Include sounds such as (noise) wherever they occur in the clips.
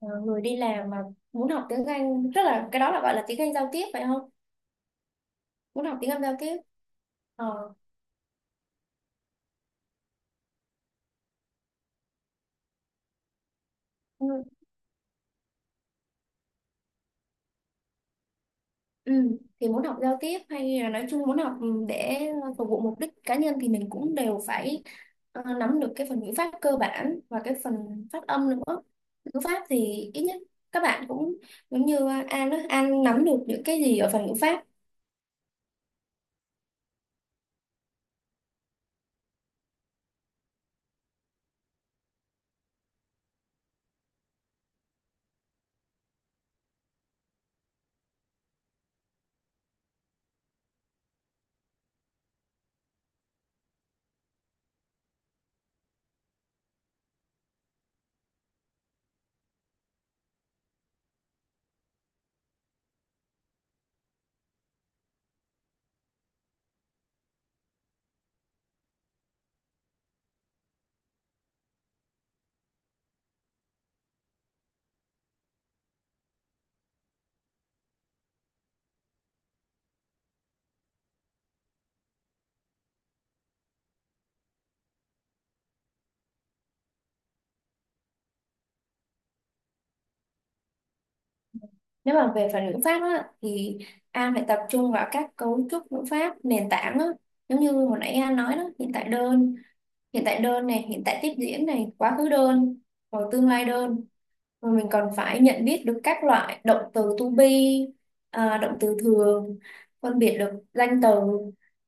Ờ, Người đi làm mà muốn học tiếng Anh, tức là cái đó là gọi là tiếng Anh giao tiếp phải không? Muốn học tiếng Anh giao tiếp. ờ, ừ, ừ. Thì muốn học giao tiếp hay là nói chung muốn học, để phục vụ mục đích cá nhân thì mình cũng đều phải, nắm được cái phần ngữ pháp cơ bản và cái phần phát âm nữa. Ngữ pháp thì ít nhất các bạn cũng giống như An đó, An nắm được những cái gì ở phần ngữ pháp? Nếu mà về phần ngữ pháp á, thì An phải tập trung vào các cấu trúc ngữ pháp nền tảng á. Giống như hồi nãy An nói đó, hiện tại đơn này, hiện tại tiếp diễn này, quá khứ đơn, rồi tương lai đơn, rồi mình còn phải nhận biết được các loại động từ to be à, động từ thường, phân biệt được danh từ,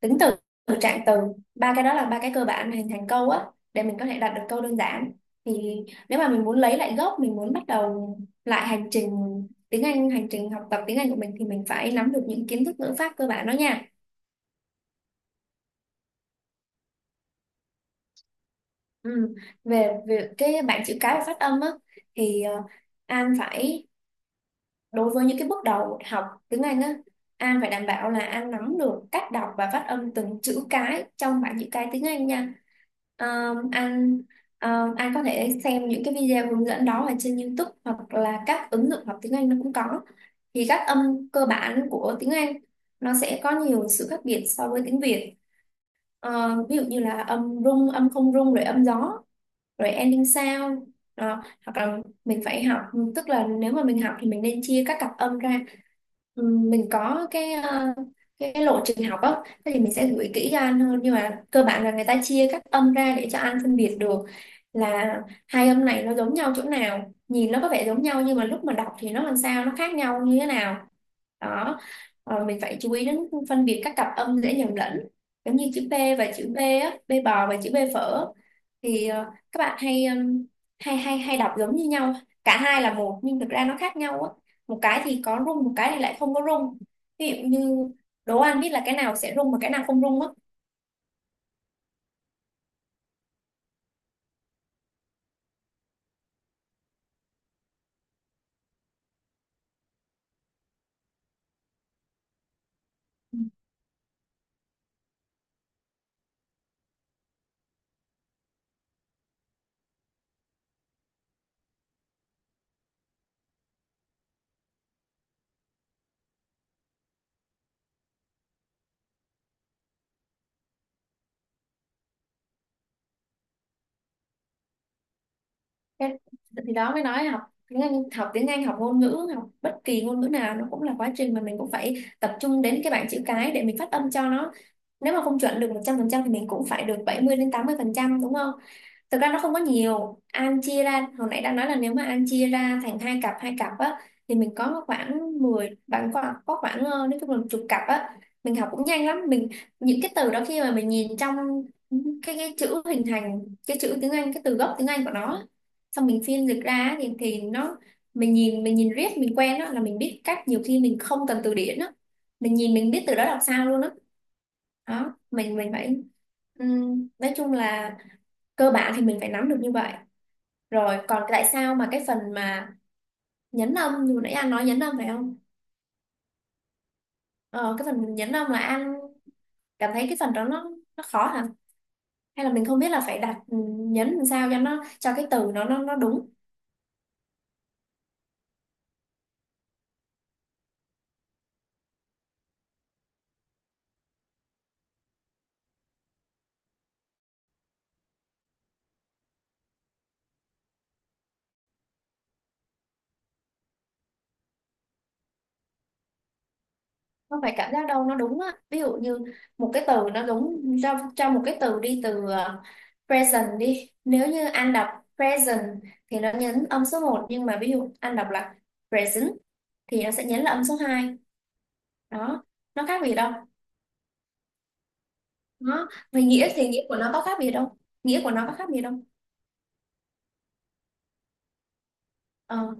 tính từ, trạng từ. Ba cái đó là ba cái cơ bản để hình thành câu á, để mình có thể đặt được câu đơn giản. Thì nếu mà mình muốn lấy lại gốc, mình muốn bắt đầu lại hành trình tiếng Anh hành trình học tập tiếng Anh của mình, thì mình phải nắm được những kiến thức ngữ pháp cơ bản đó nha. Ừ. Về, về cái bảng chữ cái và phát âm á, thì An phải, đối với những cái bước đầu học tiếng Anh á, An phải đảm bảo là An nắm được cách đọc và phát âm từng chữ cái trong bảng chữ cái tiếng Anh nha. Ờ, An An có thể xem những cái video hướng dẫn đó ở trên YouTube hoặc là các ứng dụng học tiếng Anh nó cũng có. Thì các âm cơ bản của tiếng Anh nó sẽ có nhiều sự khác biệt so với tiếng Việt. Ờ, ví dụ như là âm rung, âm không rung, rồi âm gió, rồi ending sound đó. Hoặc là mình phải học, tức là nếu mà mình học thì mình nên chia các cặp âm ra. Mình có cái, cái lộ trình học á, thế thì mình sẽ gửi kỹ cho anh hơn, nhưng mà cơ bản là người ta chia các âm ra để cho anh phân biệt được là hai âm này nó giống nhau chỗ nào, nhìn nó có vẻ giống nhau nhưng mà lúc mà đọc thì nó làm sao, nó khác nhau như thế nào đó. Ờ, mình phải chú ý đến phân biệt các cặp âm dễ nhầm lẫn, giống như chữ P và chữ B á, B bò và chữ B phở. Thì ờ, các bạn hay hay đọc giống như nhau, cả hai là một, nhưng thực ra nó khác nhau á, một cái thì có rung, một cái thì lại không có rung. Ví dụ như, đố An biết là cái nào sẽ rung và cái nào không rung á? Ừ. Thế thì đó mới nói là học tiếng Anh, học ngôn ngữ, học bất kỳ ngôn ngữ nào, nó cũng là quá trình mà mình cũng phải tập trung đến cái bảng chữ cái để mình phát âm cho nó, nếu mà không chuẩn được 100% thì mình cũng phải được 70 đến 80% đúng không? Thực ra nó không có nhiều. An chia ra, hồi nãy đã nói là nếu mà An chia ra thành hai cặp, hai cặp á, thì mình có khoảng 10, bạn có khoảng, nói chung là một chục cặp á. Mình học cũng nhanh lắm. Những cái từ đó khi mà mình nhìn trong cái chữ hình thành, cái chữ tiếng Anh, cái từ gốc tiếng Anh của nó á, xong mình phiên dịch ra á, thì nó, mình nhìn riết mình quen á, là mình biết cách, nhiều khi mình không cần từ điển á, mình nhìn mình biết từ đó đọc sao luôn á. Đó, mình phải nói chung là cơ bản thì mình phải nắm được như vậy. Rồi còn tại sao mà cái phần mà nhấn âm, như nãy anh nói nhấn âm phải không? Ờ, cái phần nhấn âm là anh cảm thấy cái phần đó nó khó hả, hay là mình không biết là phải đặt nhấn làm sao cho nó, cho cái từ nó nó đúng? Không phải cảm giác đâu, nó đúng á. Ví dụ như một cái từ nó đúng, cho một cái từ đi, từ ờ, present đi, nếu như anh đọc present thì nó nhấn âm số một, nhưng mà ví dụ anh đọc là present thì nó sẽ nhấn là âm số hai. Đó, nó khác gì đâu. Nó về nghĩa thì nghĩa của nó có khác gì đâu, nghĩa của nó có khác gì đâu Ờ.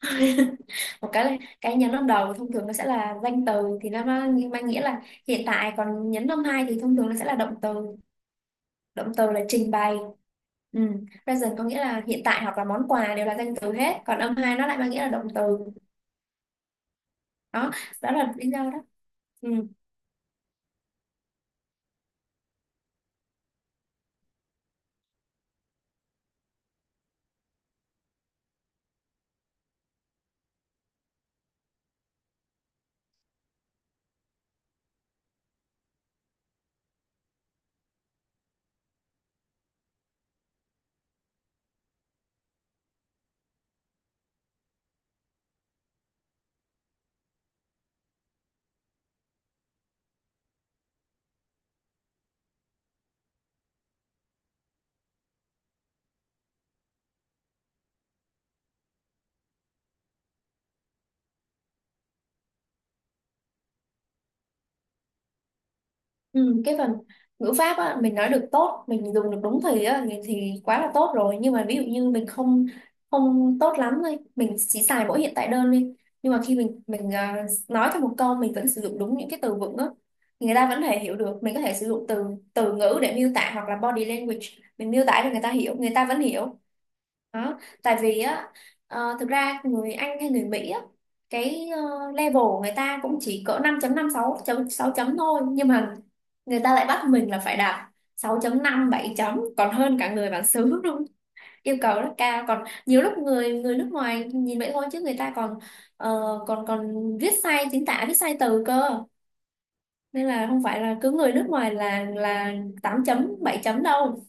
(laughs) Một cái là cái nhấn âm đầu thông thường nó sẽ là danh từ, thì nó mang mang nghĩa là hiện tại, còn nhấn âm hai thì thông thường nó sẽ là động từ, động từ là trình bày. Ừ. Present có nghĩa là hiện tại hoặc là món quà, đều là danh từ hết, còn âm hai nó lại mang nghĩa là động từ. Đó, đó là lý do đó. Ừ. Ừ. Cái phần ngữ pháp á, mình nói được tốt, mình dùng được đúng thì á, thì quá là tốt rồi. Nhưng mà ví dụ như mình không, không tốt lắm thôi, mình chỉ xài mỗi hiện tại đơn đi, nhưng mà khi mình à, nói theo một câu mình vẫn sử dụng đúng những cái từ vựng á, thì người ta vẫn thể hiểu được. Mình có thể sử dụng từ, từ ngữ để miêu tả hoặc là body language, mình miêu tả cho người ta hiểu, người ta vẫn hiểu. Đó. Tại vì á, ờ, thực ra người Anh hay người Mỹ á, cái level của người ta cũng chỉ cỡ năm chấm năm, 6 chấm thôi, nhưng mà người ta lại bắt mình là phải đạt sáu chấm năm, bảy chấm, còn hơn cả người bản xứ luôn. Yêu cầu rất cao, còn nhiều lúc người người nước ngoài nhìn vậy thôi chứ người ta còn ờ, còn còn viết sai chính tả, viết sai từ cơ, nên là không phải là cứ người nước ngoài là 8 chấm, 7 chấm đâu.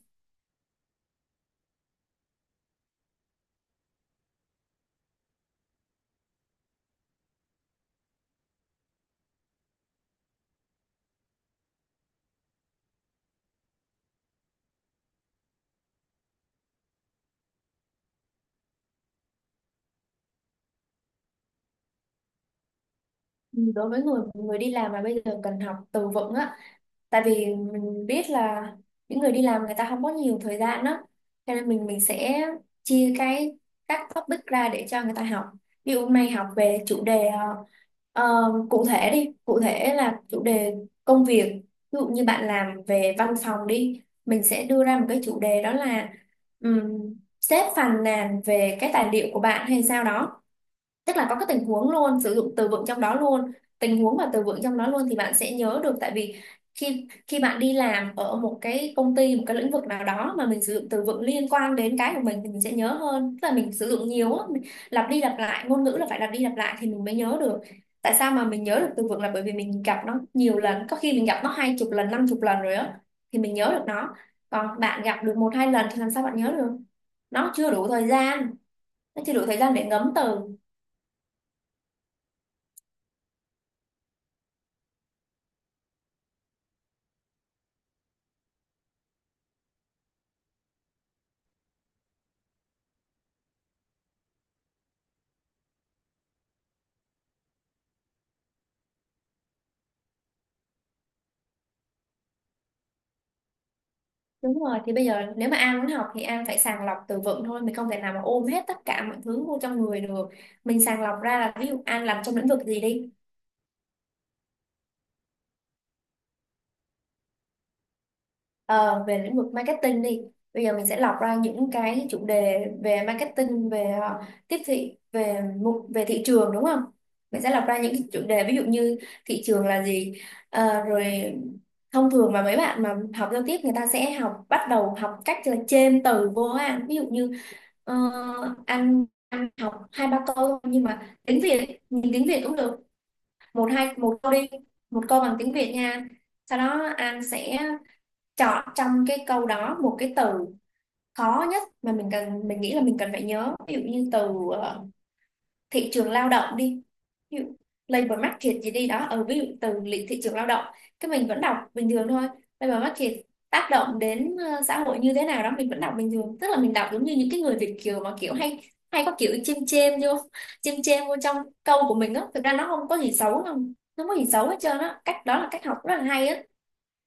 Ừ, đối với người người đi làm mà bây giờ cần học từ vựng á, tại vì mình biết là những người đi làm người ta không có nhiều thời gian đó, cho nên mình sẽ chia cái, các topic ra để cho người ta học. Ví dụ mày học về chủ đề cụ thể đi, cụ thể là chủ đề công việc. Ví dụ như bạn làm về văn phòng đi, mình sẽ đưa ra một cái chủ đề đó là um, sếp phàn nàn về cái tài liệu của bạn hay sao đó. Tức là có cái tình huống luôn, sử dụng từ vựng trong đó luôn, tình huống và từ vựng trong đó luôn, thì bạn sẽ nhớ được. Tại vì khi khi bạn đi làm ở một cái công ty, một cái lĩnh vực nào đó mà mình sử dụng từ vựng liên quan đến cái của mình thì mình sẽ nhớ hơn, tức là mình sử dụng nhiều á, mình lặp đi lặp lại. Ngôn ngữ là phải lặp đi lặp lại thì mình mới nhớ được. Tại sao mà mình nhớ được từ vựng, là bởi vì mình gặp nó nhiều lần, có khi mình gặp nó 20 lần, 50 lần rồi á, thì mình nhớ được nó. Còn bạn gặp được một hai lần thì làm sao bạn nhớ được? Nó chưa đủ thời gian, để ngấm từ. Đúng rồi, thì bây giờ nếu mà An muốn học thì An phải sàng lọc từ vựng thôi, mình không thể nào mà ôm hết tất cả mọi thứ vô trong người được. Mình sàng lọc ra là ví dụ An làm trong lĩnh vực gì đi, ờ, về lĩnh vực marketing đi. Bây giờ mình sẽ lọc ra những cái chủ đề về marketing, về tiếp thị, về mục, về thị trường đúng không? Mình sẽ lọc ra những cái chủ đề ví dụ như thị trường là gì. Ờ, rồi thông thường mà mấy bạn mà học giao tiếp người ta sẽ học, bắt đầu học cách là chêm từ vô á An. Ví dụ như ờ, anh học hai ba câu nhưng mà tiếng Việt, nhìn tiếng Việt cũng được, một câu đi, một câu bằng tiếng Việt nha, sau đó anh sẽ chọn trong cái câu đó một cái từ khó nhất mà mình cần, mình nghĩ là mình cần phải nhớ. Ví dụ như từ ờ, thị trường lao động đi, ví dụ labor market gì đi đó, ở ví dụ từ thị trường lao động, cái mình vẫn đọc bình thường thôi, labor market tác động đến xã hội như thế nào đó, mình vẫn đọc bình thường, tức là mình đọc giống như những cái người Việt kiều mà kiểu hay, hay có kiểu chêm chêm vô, trong câu của mình á. Thực ra nó không có gì xấu không, nó không có gì xấu hết trơn á, cách đó là cách học rất là hay á.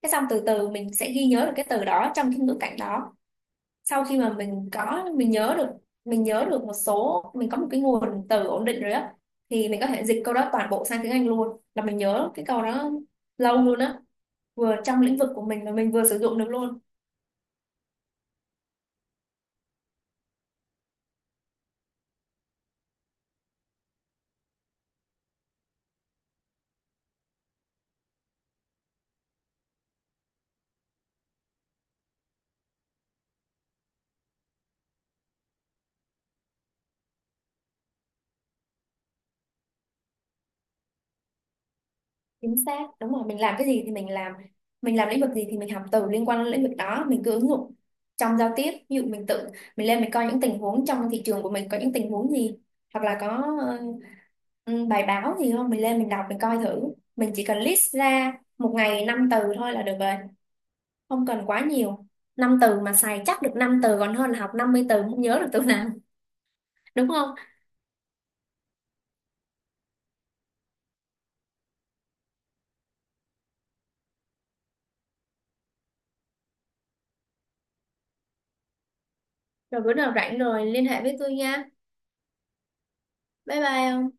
Cái xong từ từ mình sẽ ghi nhớ được cái từ đó trong cái ngữ cảnh đó. Sau khi mà mình nhớ được, một số, mình có một cái nguồn từ ổn định rồi á, thì mình có thể dịch câu đó toàn bộ sang tiếng Anh luôn, là mình nhớ cái câu đó lâu luôn á, vừa trong lĩnh vực của mình mà mình vừa sử dụng được luôn. Chính xác, đúng rồi, mình làm cái gì thì mình làm, mình làm lĩnh vực gì thì mình học từ liên quan đến lĩnh vực đó, mình cứ ứng dụng trong giao tiếp. Ví dụ mình tự mình lên mình coi những tình huống trong thị trường của mình, có những tình huống gì hoặc là có, Ừ, bài báo thì không, mình lên mình đọc mình coi thử, mình chỉ cần list ra một ngày 5 từ thôi là được rồi, không cần quá nhiều. Năm từ mà xài chắc được 5 từ còn hơn là học 50 từ không nhớ được từ nào, đúng không? Rồi bữa nào rảnh rồi liên hệ với tôi nha, bye bye.